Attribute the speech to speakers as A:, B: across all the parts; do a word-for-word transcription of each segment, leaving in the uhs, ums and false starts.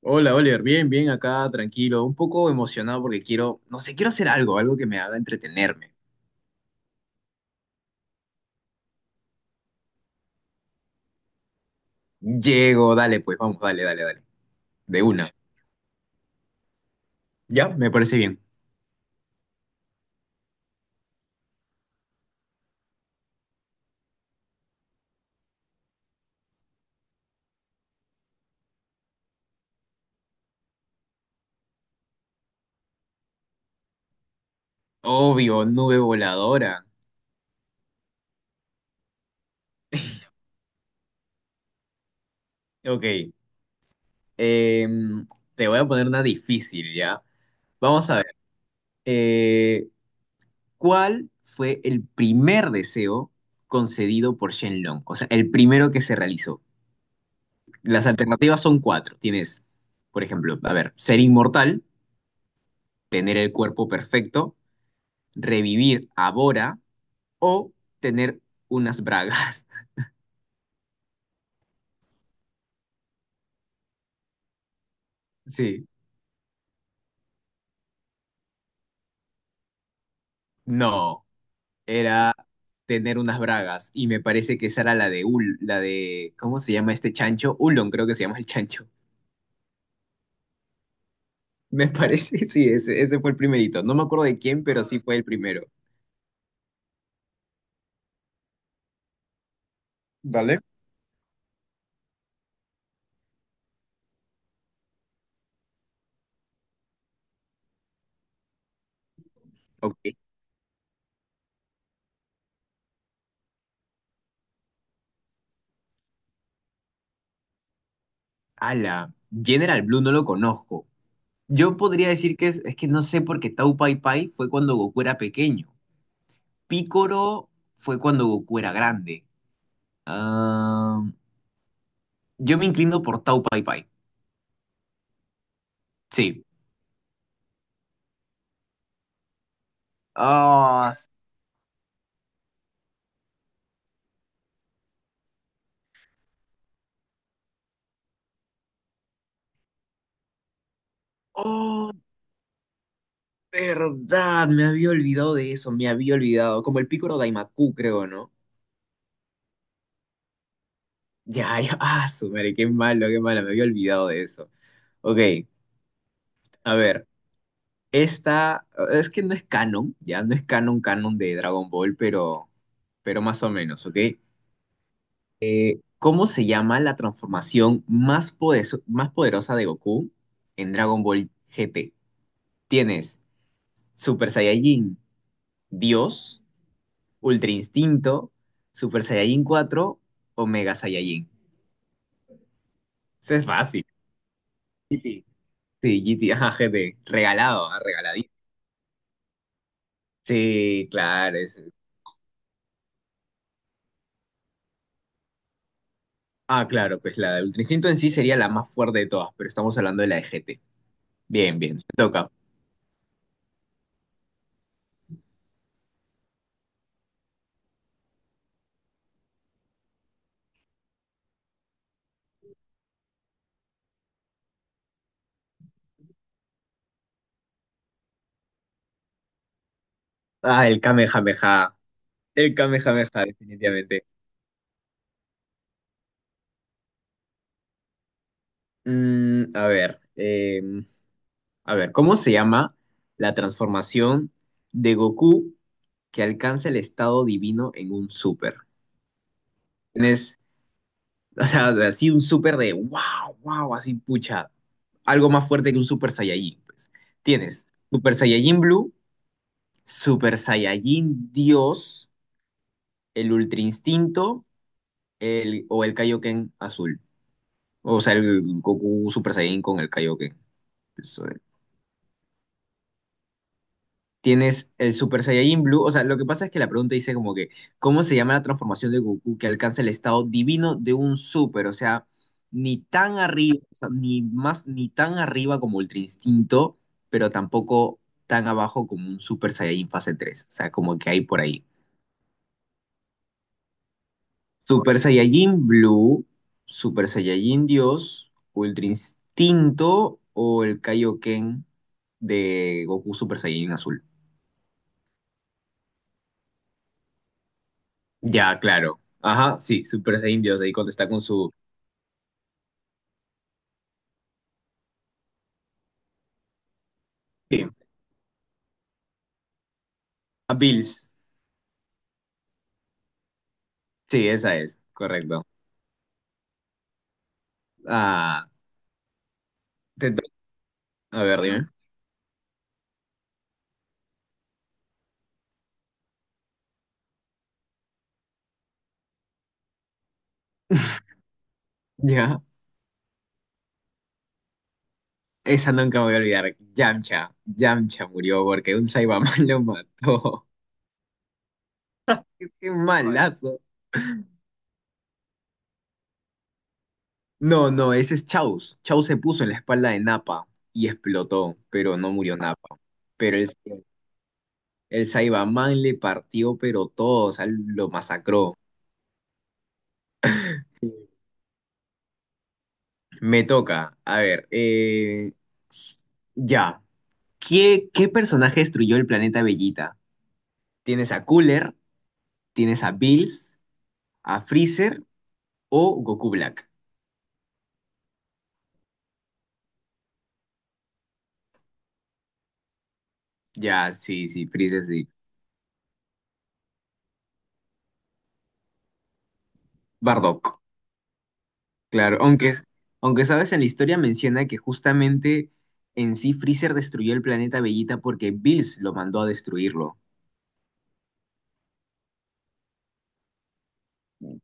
A: Hola, Oliver, bien, bien, acá, tranquilo, un poco emocionado porque quiero, no sé, quiero hacer algo, algo que me haga entretenerme. Llego, dale, pues, vamos, dale, dale, dale. De una. Ya, me parece bien. Obvio, nube voladora. Ok, em, te voy a poner una difícil, ¿ya? Vamos a ver. eh, ¿cuál fue el primer deseo concedido por Shenlong? O sea, el primero que se realizó. Las alternativas son cuatro. Tienes, por ejemplo, a ver, ser inmortal, tener el cuerpo perfecto, revivir a Bora o tener unas bragas. Sí, no, era tener unas bragas y me parece que esa era la de Ul, la de, ¿cómo se llama este chancho? Ulon creo que se llama el chancho. Me parece, sí, ese, ese fue el primerito. No me acuerdo de quién, pero sí fue el primero. Vale. Ok. Ala, General Blue no lo conozco. Yo podría decir que es, es que no sé porque Tau Pai Pai fue cuando Goku era pequeño. Picoro fue cuando Goku era grande. Ah, yo me inclino por Tau Pai Pai. Sí. Ah, oh, verdad. Me había olvidado de eso. Me había olvidado. Como el Picoro Daimaku, creo, ¿no? Ya, ya. Ah, su madre, qué malo, qué malo. Me había olvidado de eso. Ok, a ver. Esta es que no es canon, ya no es canon, canon de Dragon Ball, pero, pero más o menos, ¿ok? Eh, ¿cómo se llama la transformación más, podeso- más poderosa de Goku en Dragon Ball G T? Tienes Super Saiyajin Dios, Ultra Instinto, Super Saiyajin cuatro o Mega Saiyajin. Eso es fácil. G T. Sí, G T, ajá, G T. Regalado, ah, regaladito. Sí, claro. es- Ah, claro, pues la de Ultra Instinto en sí sería la más fuerte de todas, pero estamos hablando de la de G T. Bien, bien, me toca. Ah, el Kamehameha. El Kamehameha, definitivamente. Mm, a ver, eh, a ver, ¿cómo se llama la transformación de Goku que alcanza el estado divino en un super? Tienes, o sea, así un super de wow, wow, así pucha, algo más fuerte que un Super Saiyajin, pues. Tienes Super Saiyajin Blue, Super Saiyajin Dios, el Ultra Instinto, el, o el Kaioken azul. O sea, el Goku Super Saiyajin con el Kaioken. Tienes el Super Saiyajin Blue. O sea, lo que pasa es que la pregunta dice como que, ¿cómo se llama la transformación de Goku que alcanza el estado divino de un Super? O sea, ni tan arriba, o sea, ni más, ni tan arriba como Ultra Instinto, pero tampoco tan abajo como un Super Saiyajin fase tres, O sea, como que hay por ahí. Super Saiyajin Blue, Super Saiyajin Dios, Ultra Instinto o el Kaioken de Goku Super Saiyajin Azul. Ya, claro. Ajá, sí, Super de Indios, ahí cuando está con su... Sí, a Bills. Sí, esa es, correcto. Ah, te to- a ver, dime. Ya, esa nunca me voy a olvidar. Yamcha, Yamcha murió porque un Saibaman lo mató. Qué malazo. No, no, ese es Chaos. Chaos se puso en la espalda de Nappa y explotó, pero no murió Nappa. Pero el, el Saibaman le partió, pero todo, o sea, lo masacró. Me toca. A ver, eh, ya. ¿Qué, qué personaje destruyó el planeta Bellita? ¿Tienes a Cooler? ¿Tienes a Bills? ¿A Freezer o Goku Black? Ya, sí, sí, Freezer, sí. Bardock, claro. Aunque, aunque sabes, en la historia menciona que justamente en sí Freezer destruyó el planeta Bellita porque Bills lo mandó a destruirlo.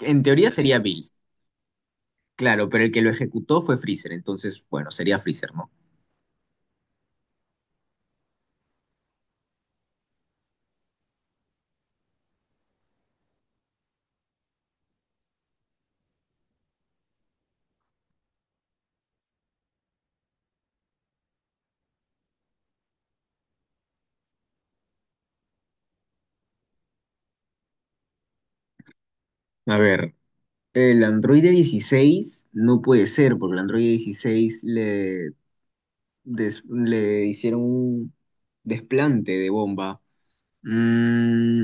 A: En teoría sería Bills, claro, pero el que lo ejecutó fue Freezer, entonces, bueno, sería Freezer, ¿no? A ver. El Android dieciséis no puede ser, porque el Android dieciséis le, des- le hicieron un desplante de bomba, Mm,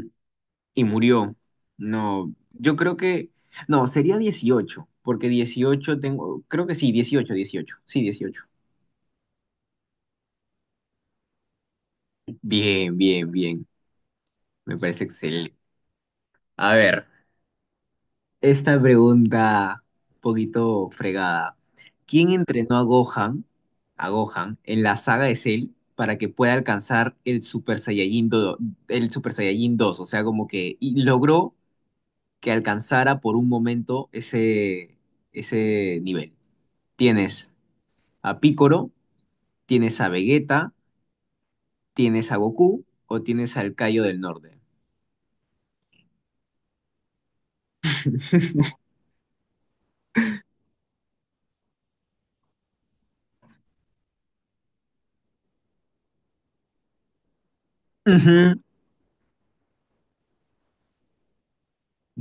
A: y murió. No, yo creo que... No, sería dieciocho porque dieciocho tengo... Creo que sí, dieciocho, dieciocho. Sí, dieciocho. Bien, bien, bien. Me parece excelente. A ver, esta pregunta un poquito fregada. ¿Quién entrenó a Gohan, a Gohan en la saga de Cell para que pueda alcanzar el Super Saiyajin dos, el Super Saiyajin dos? O sea, como que y logró que alcanzara por un momento ese, ese nivel. Tienes a Piccolo, tienes a Vegeta, tienes a Goku o tienes al Cayo del Norte. Ujú.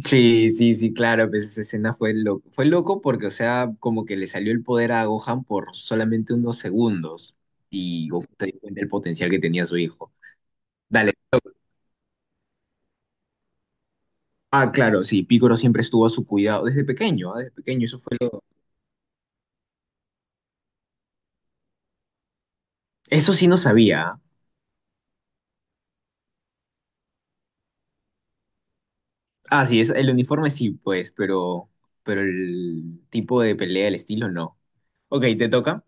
A: Sí, sí, sí, claro, pues esa escena fue loco, fue loco porque, o sea, como que le salió el poder a Gohan por solamente unos segundos y Goku se dio cuenta del potencial que tenía su hijo. Dale. Ah, claro, sí, Piccolo siempre estuvo a su cuidado desde pequeño, ah, desde pequeño, eso fue lo... Eso sí no sabía. Ah, Ah, sí, es, el uniforme sí, pues, pero, pero el tipo de pelea, el estilo no. Ok, te toca.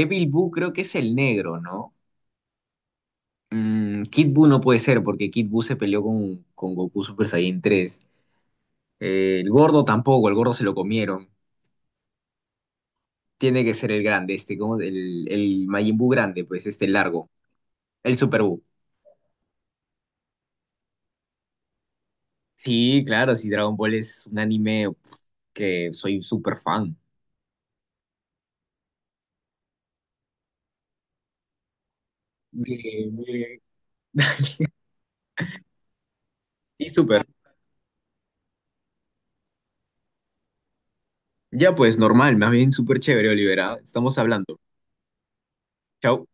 A: Evil Boo creo que es el negro, ¿no? Mm, Kid Buu no puede ser porque Kid Buu se peleó con, con Goku Super Saiyan tres. Eh, el gordo tampoco, el gordo se lo comieron. Tiene que ser el grande, este, como el, el Majin Buu grande, pues, este largo. El Super Buu. Sí, claro, sí, Dragon Ball es un anime pf, que soy súper fan. Bien, bien. Sí, súper. Ya pues, normal, más bien súper chévere, Olivera. Estamos hablando. Chao.